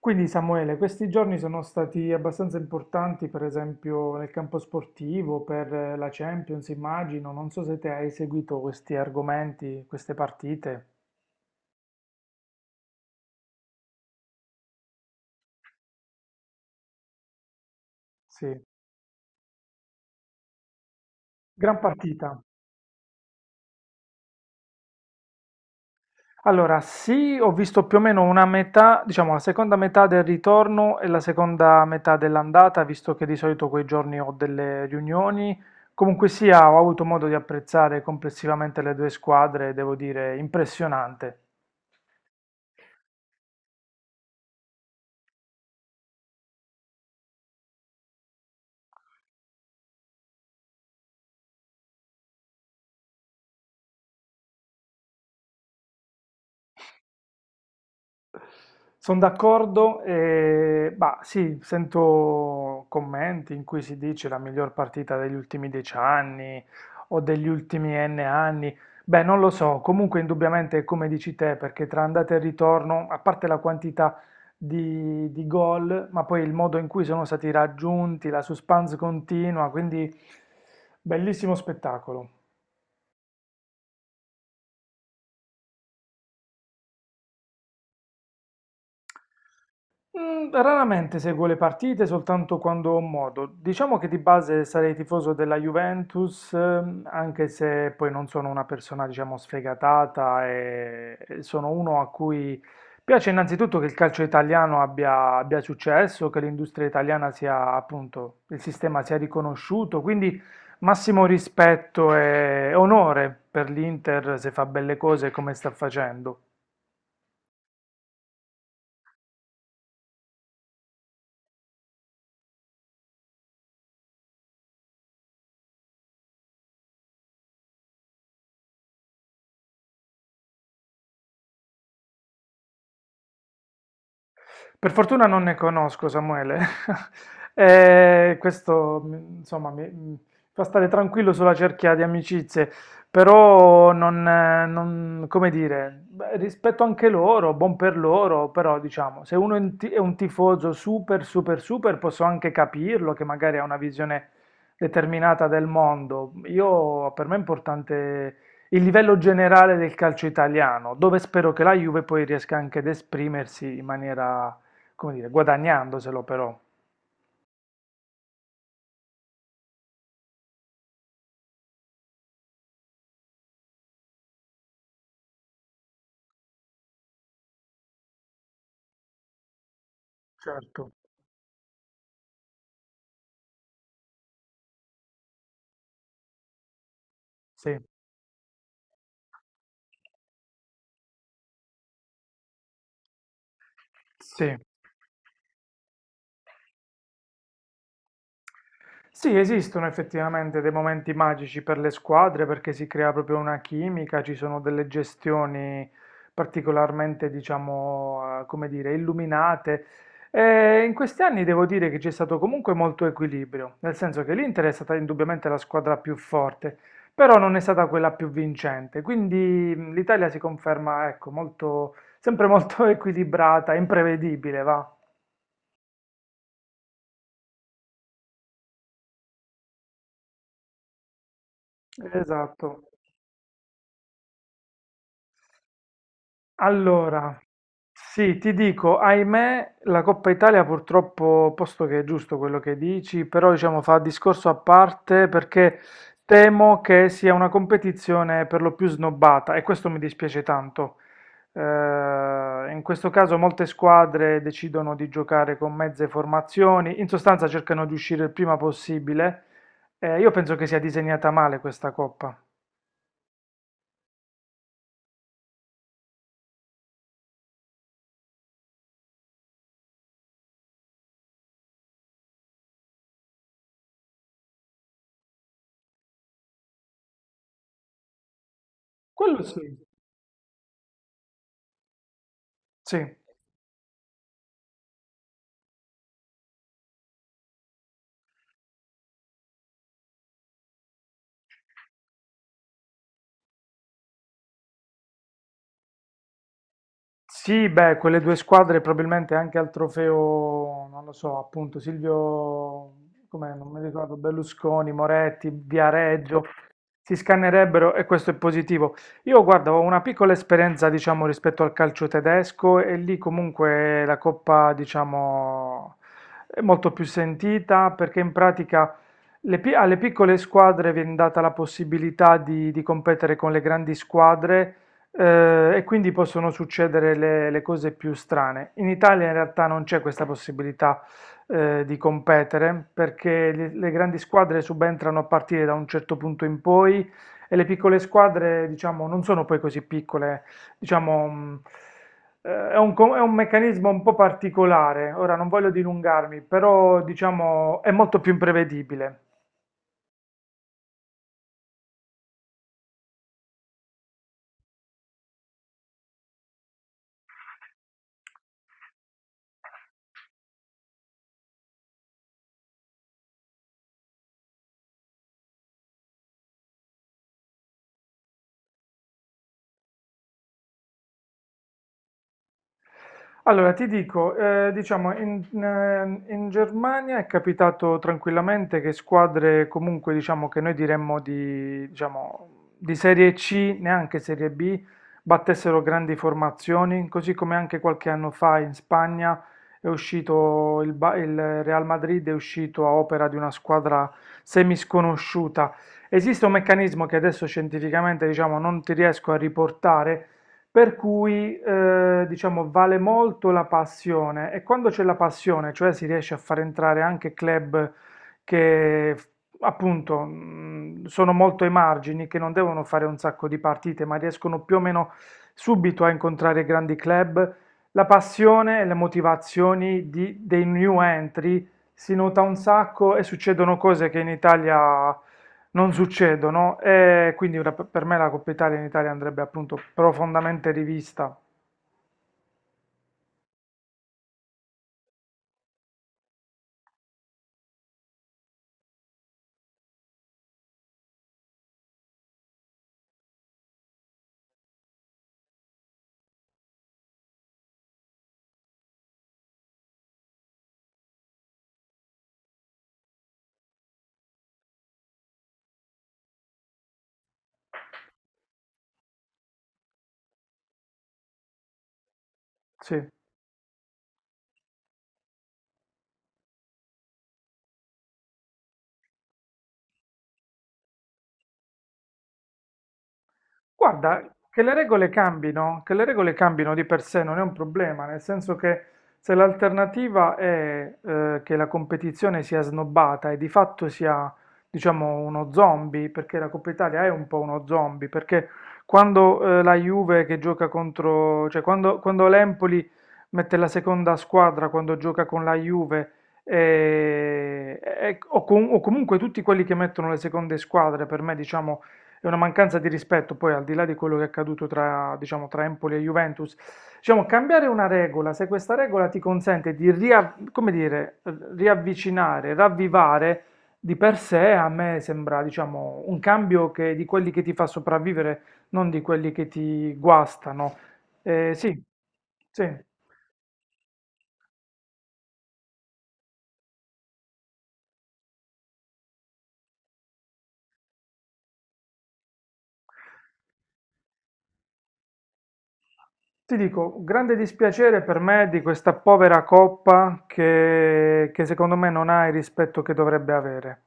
Quindi Samuele, questi giorni sono stati abbastanza importanti, per esempio nel campo sportivo, per la Champions, immagino. Non so se te hai seguito questi argomenti, queste partite. Sì, gran partita. Allora, ho visto più o meno una metà, diciamo la seconda metà del ritorno e la seconda metà dell'andata, visto che di solito quei giorni ho delle riunioni. Comunque sia, ho avuto modo di apprezzare complessivamente le due squadre, devo dire, impressionante. Sono d'accordo, e bah, sì, sento commenti in cui si dice la miglior partita degli ultimi 10 anni o degli ultimi N anni. Beh, non lo so, comunque indubbiamente è come dici te, perché tra andata e ritorno, a parte la quantità di gol, ma poi il modo in cui sono stati raggiunti, la suspense continua, quindi bellissimo spettacolo. Mm, raramente seguo le partite, soltanto quando ho modo. Diciamo che di base sarei tifoso della Juventus, anche se poi non sono una persona, diciamo, sfegatata e sono uno a cui piace innanzitutto che il calcio italiano abbia, abbia successo, che l'industria italiana sia, appunto, il sistema sia riconosciuto, quindi massimo rispetto e onore per l'Inter se fa belle cose come sta facendo. Per fortuna non ne conosco, Samuele. E questo, insomma, mi fa stare tranquillo sulla cerchia di amicizie, però non, come dire, beh, rispetto anche loro, buon per loro, però diciamo, se uno è un è un tifoso super, super, super, posso anche capirlo che magari ha una visione determinata del mondo. Io, per me è importante il livello generale del calcio italiano, dove spero che la Juve poi riesca anche ad esprimersi in maniera come dire, guadagnandoselo però, certo, sì, sì. Sì, esistono effettivamente dei momenti magici per le squadre perché si crea proprio una chimica, ci sono delle gestioni particolarmente, diciamo, come dire, illuminate. E in questi anni devo dire che c'è stato comunque molto equilibrio, nel senso che l'Inter è stata indubbiamente la squadra più forte, però non è stata quella più vincente. Quindi l'Italia si conferma, ecco, molto, sempre molto equilibrata, imprevedibile, va. Esatto. Allora, sì, ti dico, ahimè, la Coppa Italia purtroppo, posto che è giusto quello che dici, però diciamo fa discorso a parte perché temo che sia una competizione per lo più snobbata e questo mi dispiace tanto. In questo caso molte squadre decidono di giocare con mezze formazioni, in sostanza cercano di uscire il prima possibile. Io penso che sia disegnata male questa Coppa. Quello sì. Sì. Sì, beh, quelle due squadre probabilmente anche al trofeo, non lo so, appunto Silvio, come non mi ricordo, Berlusconi, Moretti, Viareggio, si scannerebbero e questo è positivo. Io guarda, ho una piccola esperienza, diciamo, rispetto al calcio tedesco e lì comunque la coppa, diciamo, è molto più sentita perché in pratica alle piccole squadre viene data la possibilità di competere con le grandi squadre e quindi possono succedere le cose più strane. In Italia in realtà non c'è questa possibilità di competere perché le grandi squadre subentrano a partire da un certo punto in poi e le piccole squadre, diciamo, non sono poi così piccole, diciamo, è un, è un meccanismo un po' particolare. Ora non voglio dilungarmi, però diciamo è molto più imprevedibile. Allora, ti dico, diciamo, in, in Germania è capitato tranquillamente che squadre comunque, diciamo, che noi diremmo di, diciamo, di Serie C, neanche Serie B, battessero grandi formazioni, così come anche qualche anno fa in Spagna è uscito il, il Real Madrid, è uscito a opera di una squadra semisconosciuta. Esiste un meccanismo che adesso scientificamente, diciamo, non ti riesco a riportare per cui, diciamo, vale molto la passione e quando c'è la passione, cioè si riesce a far entrare anche club che appunto sono molto ai margini, che non devono fare un sacco di partite, ma riescono più o meno subito a incontrare grandi club, la passione e le motivazioni dei new entry si nota un sacco e succedono cose che in Italia non succedono e quindi per me la Coppa Italia in Italia andrebbe appunto profondamente rivista. Sì. Guarda, che le regole cambino, che le regole cambino di per sé non è un problema, nel senso che se l'alternativa è che la competizione sia snobbata e di fatto sia, diciamo, uno zombie, perché la Coppa Italia è un po' uno zombie, perché quando la Juve che gioca contro, cioè quando, quando l'Empoli mette la seconda squadra quando gioca con la Juve, o comunque tutti quelli che mettono le seconde squadre, per me, diciamo è una mancanza di rispetto, poi al di là di quello che è accaduto tra, diciamo, tra Empoli e Juventus, diciamo, cambiare una regola, se questa regola ti consente di come dire, riavvicinare, ravvivare, di per sé a me sembra, diciamo, un cambio che, di quelli che ti fa sopravvivere, non di quelli che ti guastano. Sì, sì. Ti dico, grande dispiacere per me di questa povera coppa che secondo me non ha il rispetto che dovrebbe avere.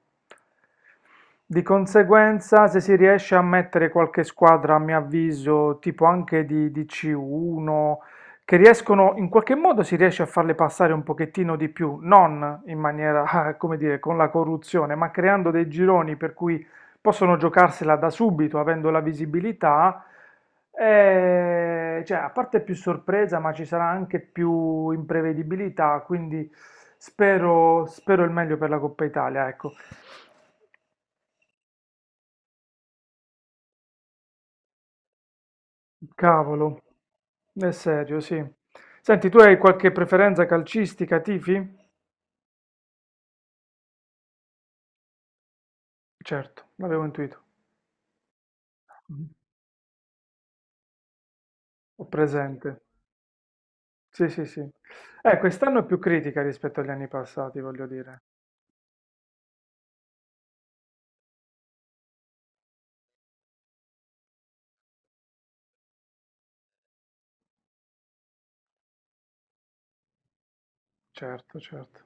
Di conseguenza, se si riesce a mettere qualche squadra, a mio avviso, tipo anche di C1, che riescono, in qualche modo si riesce a farle passare un pochettino di più, non in maniera, come dire, con la corruzione, ma creando dei gironi per cui possono giocarsela da subito avendo la visibilità, cioè, a parte più sorpresa, ma ci sarà anche più imprevedibilità, quindi spero, spero il meglio per la Coppa Italia, ecco. Cavolo, è serio, sì. Senti, tu hai qualche preferenza calcistica, tifi? Certo, l'avevo intuito. Mhm. Ho presente. Sì, sì, sì. Quest'anno è più critica rispetto agli anni passati, voglio dire. Certo, certo.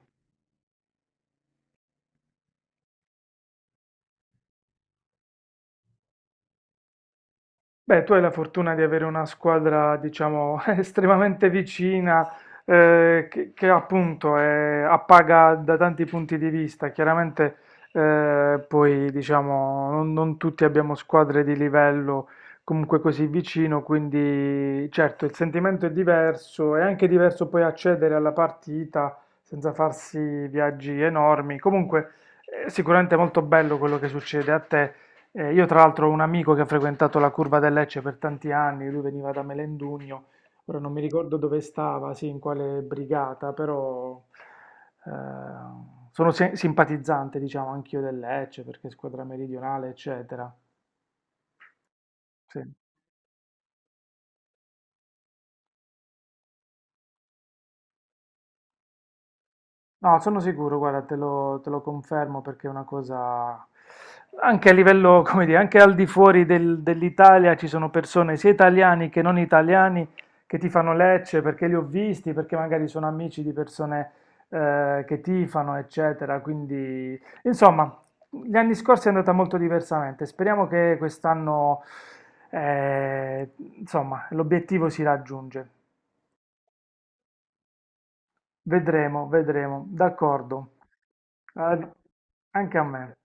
Beh, tu hai la fortuna di avere una squadra, diciamo, estremamente vicina, che appunto appaga da tanti punti di vista. Chiaramente, poi, diciamo, non, non tutti abbiamo squadre di livello comunque così vicino, quindi certo il sentimento è diverso, è anche diverso poi accedere alla partita senza farsi viaggi enormi. Comunque, è sicuramente molto bello quello che succede a te. Io tra l'altro ho un amico che ha frequentato la curva del Lecce per tanti anni, lui veniva da Melendugno, ora non mi ricordo dove stava, sì, in quale brigata, però eh, sono simpatizzante, diciamo, anch'io del Lecce perché squadra meridionale, eccetera. Sì. No, sono sicuro, guarda, te lo confermo perché è una cosa, anche a livello, come dire, anche al di fuori dell'Italia ci sono persone, sia italiani che non italiani, che tifano Lecce perché li ho visti, perché magari sono amici di persone che tifano, eccetera. Quindi, insomma, gli anni scorsi è andata molto diversamente. Speriamo che quest'anno, eh, insomma, l'obiettivo si raggiunge. Vedremo, vedremo, d'accordo. Ah, anche a me.